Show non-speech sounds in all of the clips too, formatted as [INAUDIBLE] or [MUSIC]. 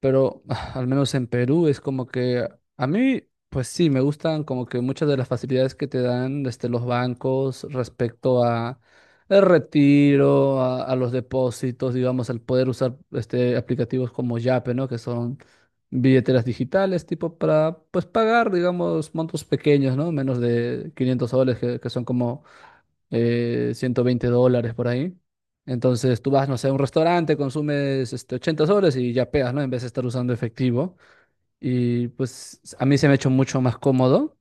Pero al menos en Perú es como que a mí, pues sí, me gustan como que muchas de las facilidades que te dan desde los bancos respecto a el retiro, a los depósitos, digamos, al poder usar aplicativos como Yape, ¿no? Que son billeteras digitales, tipo para, pues, pagar, digamos, montos pequeños, ¿no? Menos de 500 soles, que son como 120 dólares por ahí. Entonces tú vas, no sé, a un restaurante, consumes 80 soles y ya pegas, ¿no? En vez de estar usando efectivo. Y pues a mí se me ha hecho mucho más cómodo.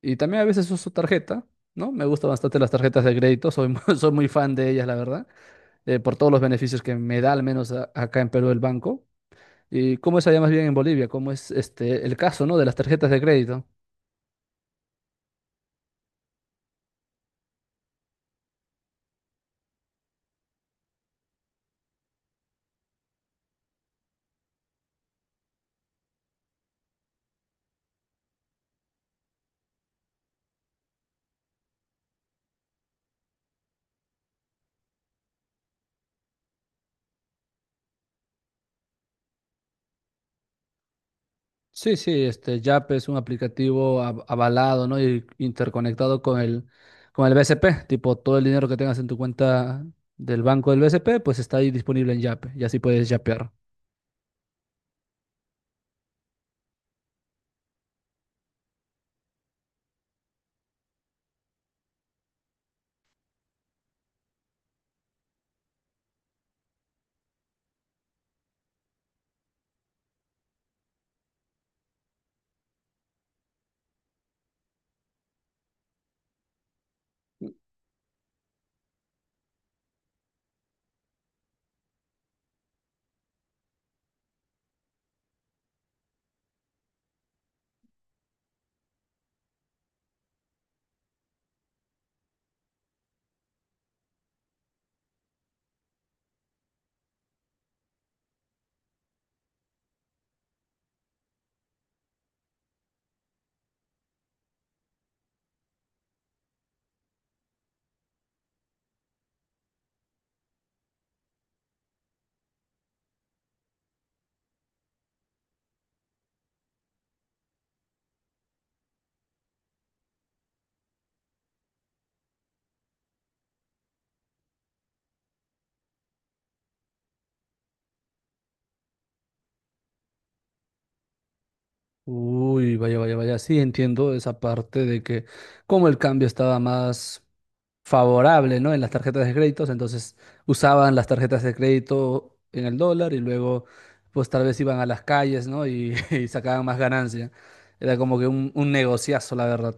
Y también a veces uso tarjeta, ¿no? Me gustan bastante las tarjetas de crédito, [LAUGHS] soy muy fan de ellas, la verdad, por todos los beneficios que me da, al menos acá en Perú, el banco. ¿Y cómo es allá más bien en Bolivia? ¿Cómo es el caso, ¿no? De las tarjetas de crédito. Sí, sí, Yap es un aplicativo avalado, ¿no? Y interconectado con el BCP. Tipo, todo el dinero que tengas en tu cuenta del banco del BCP, pues está ahí disponible en Yap. Y así puedes yapear. Uy, vaya, vaya, vaya. Sí, entiendo esa parte de que como el cambio estaba más favorable, ¿no? En las tarjetas de créditos, entonces usaban las tarjetas de crédito en el dólar y luego, pues tal vez iban a las calles, ¿no? Y, [LAUGHS] y sacaban más ganancia. Era como que un negociazo, la verdad.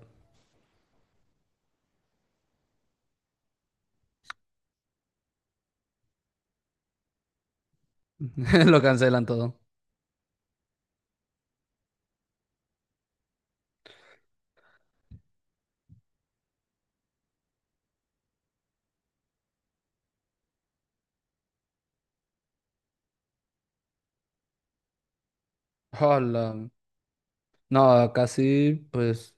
[LAUGHS] Lo cancelan todo. Hola. No, casi, pues,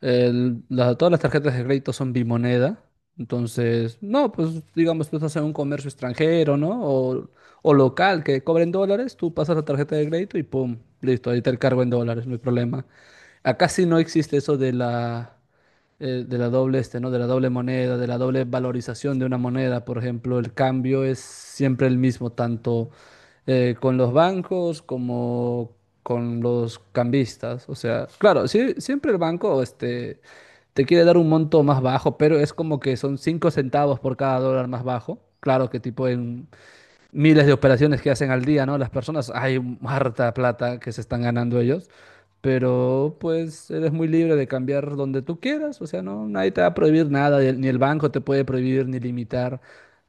todas las tarjetas de crédito son bimoneda. Entonces, no, pues, digamos, tú estás en un comercio extranjero, ¿no? O local que cobren dólares, tú pasas la tarjeta de crédito y pum, listo, ahí te el cargo en dólares, no hay problema. Acá sí no existe eso de la doble ¿no? De la doble moneda, de la doble valorización de una moneda, por ejemplo, el cambio es siempre el mismo, tanto con los bancos como con los cambistas. O sea, claro, sí, siempre el banco te quiere dar un monto más bajo, pero es como que son 5 centavos por cada dólar más bajo. Claro que tipo miles de operaciones que hacen al día, ¿no? Las personas, hay harta plata que se están ganando ellos, pero pues eres muy libre de cambiar donde tú quieras, o sea, no, nadie te va a prohibir nada, y ni el banco te puede prohibir ni limitar.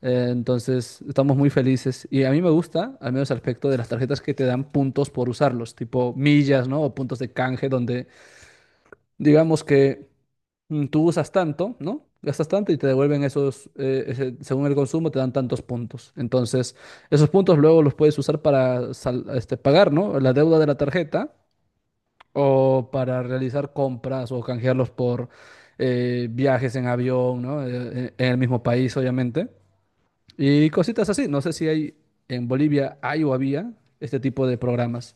Entonces, estamos muy felices y a mí me gusta, al menos el aspecto de las tarjetas que te dan puntos por usarlos, tipo millas, ¿no? O puntos de canje, donde digamos que tú usas tanto, ¿no? Gastas tanto y te devuelven según el consumo, te dan tantos puntos. Entonces, esos puntos luego los puedes usar para pagar, ¿no? La deuda de la tarjeta o para realizar compras o canjearlos por viajes en avión, ¿no? En el mismo país, obviamente. Y cositas así. No sé si hay en Bolivia, hay o había este tipo de programas.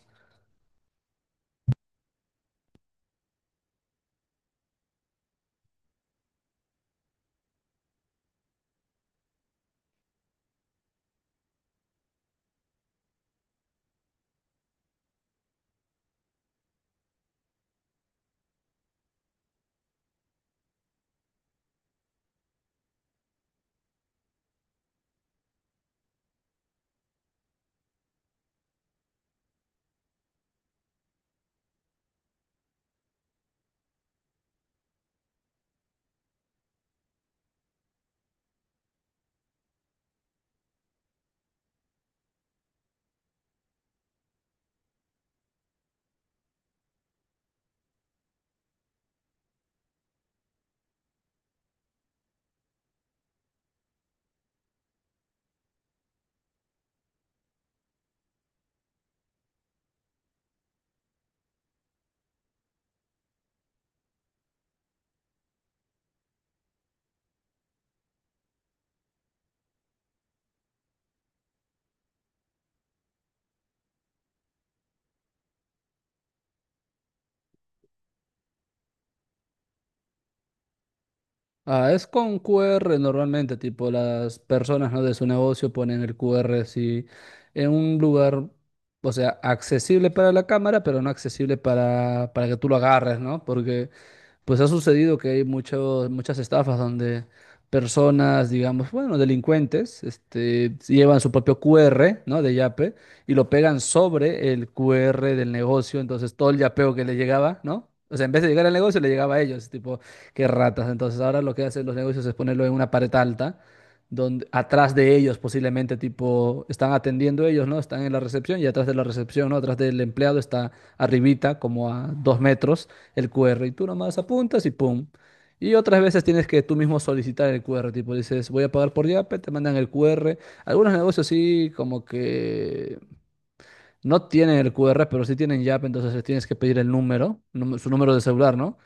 Ah, es con Q R normalmente, tipo las personas, ¿no? de su negocio ponen el Q R así en un lugar, o sea, accesible para la cámara, pero no accesible para que tú lo agarres, ¿no? Porque pues ha sucedido que hay muchos, muchas estafas donde personas, digamos, bueno, delincuentes, llevan su propio QR, ¿no? De Yape y lo pegan sobre el QR del negocio, entonces todo el yapeo que le llegaba, ¿no? O sea, en vez de llegar al negocio, le llegaba a ellos, tipo, qué ratas. Entonces, ahora lo que hacen los negocios es ponerlo en una pared alta, donde atrás de ellos posiblemente, tipo, están atendiendo ellos, ¿no? Están en la recepción y atrás de la recepción, ¿no? Atrás del empleado está arribita, como a 2 metros el QR y tú nomás apuntas y pum. Y otras veces tienes que tú mismo solicitar el QR, tipo dices, voy a pagar por Yape, te mandan el QR. Algunos negocios sí, como que no tienen el QR, pero sí tienen yape entonces les tienes que pedir el número, su número de celular, ¿no?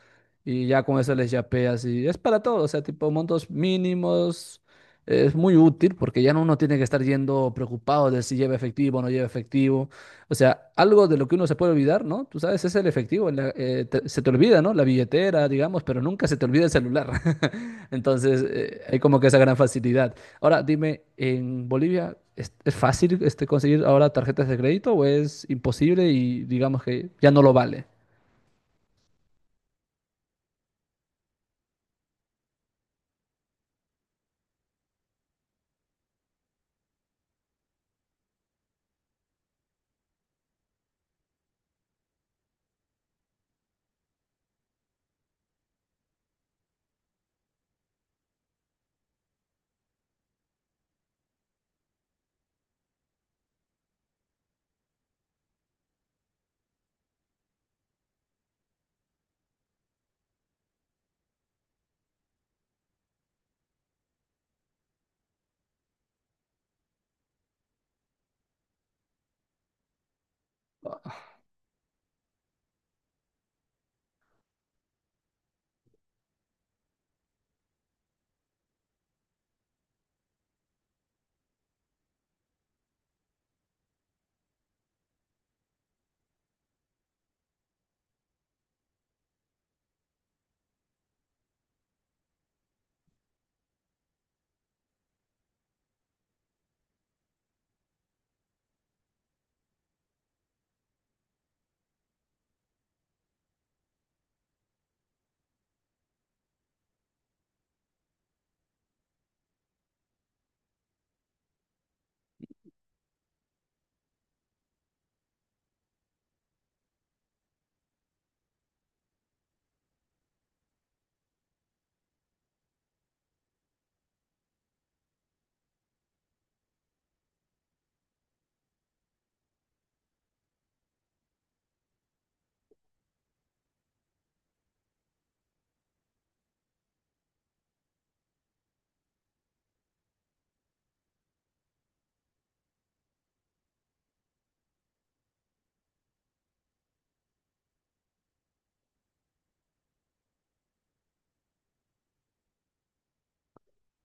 Y ya con eso les yapeas y es para todo, o sea, tipo montos mínimos. Es muy útil porque ya no uno tiene que estar yendo preocupado de si lleva efectivo o no lleva efectivo. O sea, algo de lo que uno se puede olvidar, ¿no? Tú sabes, es el efectivo. Se te olvida, ¿no? La billetera, digamos, pero nunca se te olvida el celular. [LAUGHS] Entonces, hay como que esa gran facilidad. Ahora, dime, ¿en Bolivia es fácil conseguir ahora tarjetas de crédito o es imposible y digamos que ya no lo vale?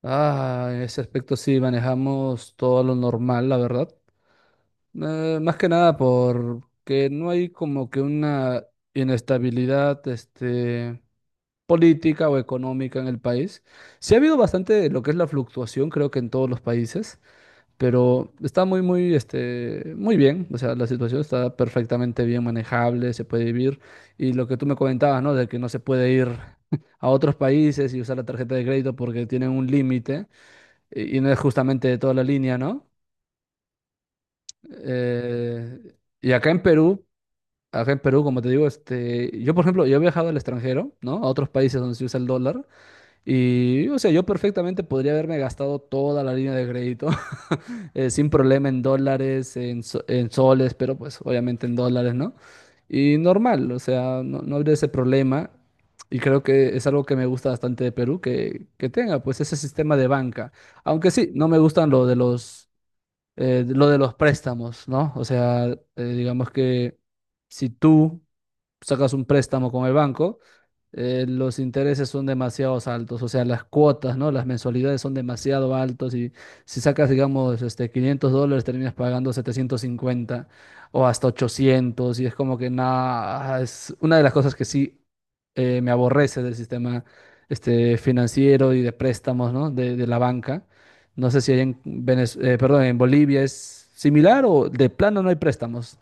Ah, en ese aspecto sí manejamos todo lo normal, la verdad. Más que nada porque no hay como que una inestabilidad, política o económica en el país. Sí ha habido bastante lo que es la fluctuación, creo que en todos los países, pero está muy, muy, muy bien. O sea, la situación está perfectamente bien manejable, se puede vivir. Y lo que tú me comentabas, ¿no? De que no se puede ir [LAUGHS] a otros países y usar la tarjeta de crédito porque tienen un límite y no es justamente de toda la línea, ¿no? Eh, y acá en Perú, como te digo, yo por ejemplo, yo he viajado al extranjero, ¿no? A otros países donde se usa el dólar y, o sea, yo perfectamente podría haberme gastado toda la línea de crédito sin problema en dólares, en soles, pero pues obviamente en dólares, ¿no? Y normal, o sea, no, no habría ese problema. Y creo que es algo que me gusta bastante de Perú, que tenga pues ese sistema de banca. Aunque sí, no me gustan lo de los préstamos, ¿no? O sea, digamos que si tú sacas un préstamo con el banco, los intereses son demasiado altos, o sea, las cuotas, ¿no? Las mensualidades son demasiado altos y si sacas, digamos, 500 dólares terminas pagando 750 o hasta 800 y es como que nada, es una de las cosas que sí me aborrece del sistema financiero y de préstamos, ¿no? De la banca. No sé si hay en perdón, en Bolivia es similar o de plano no hay préstamos.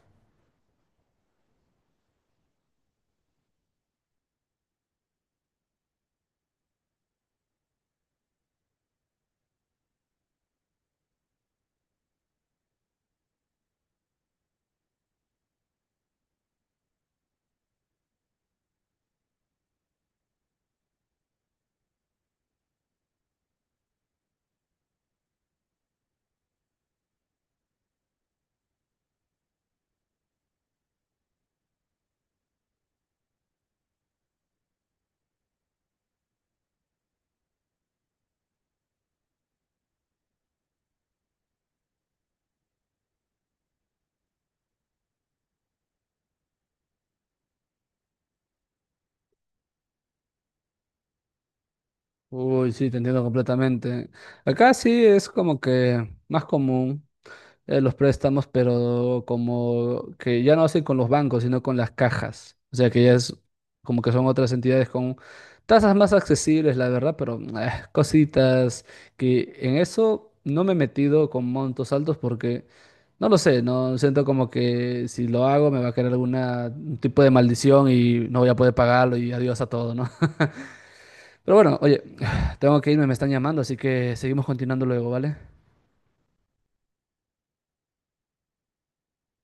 Uy, sí, te entiendo completamente. Acá sí es como que más común. Los préstamos, pero como que ya no hacen con los bancos, sino con las cajas. O sea que ya es como que son otras entidades con tasas más accesibles, la verdad, pero cositas que en eso no me he metido con montos altos porque no lo sé, no siento como que si lo hago me va a caer alguna un tipo de maldición y no voy a poder pagarlo y adiós a todo, ¿no? [LAUGHS] Pero bueno, oye, [SIGHS] tengo que irme, me están llamando, así que seguimos continuando luego, ¿vale?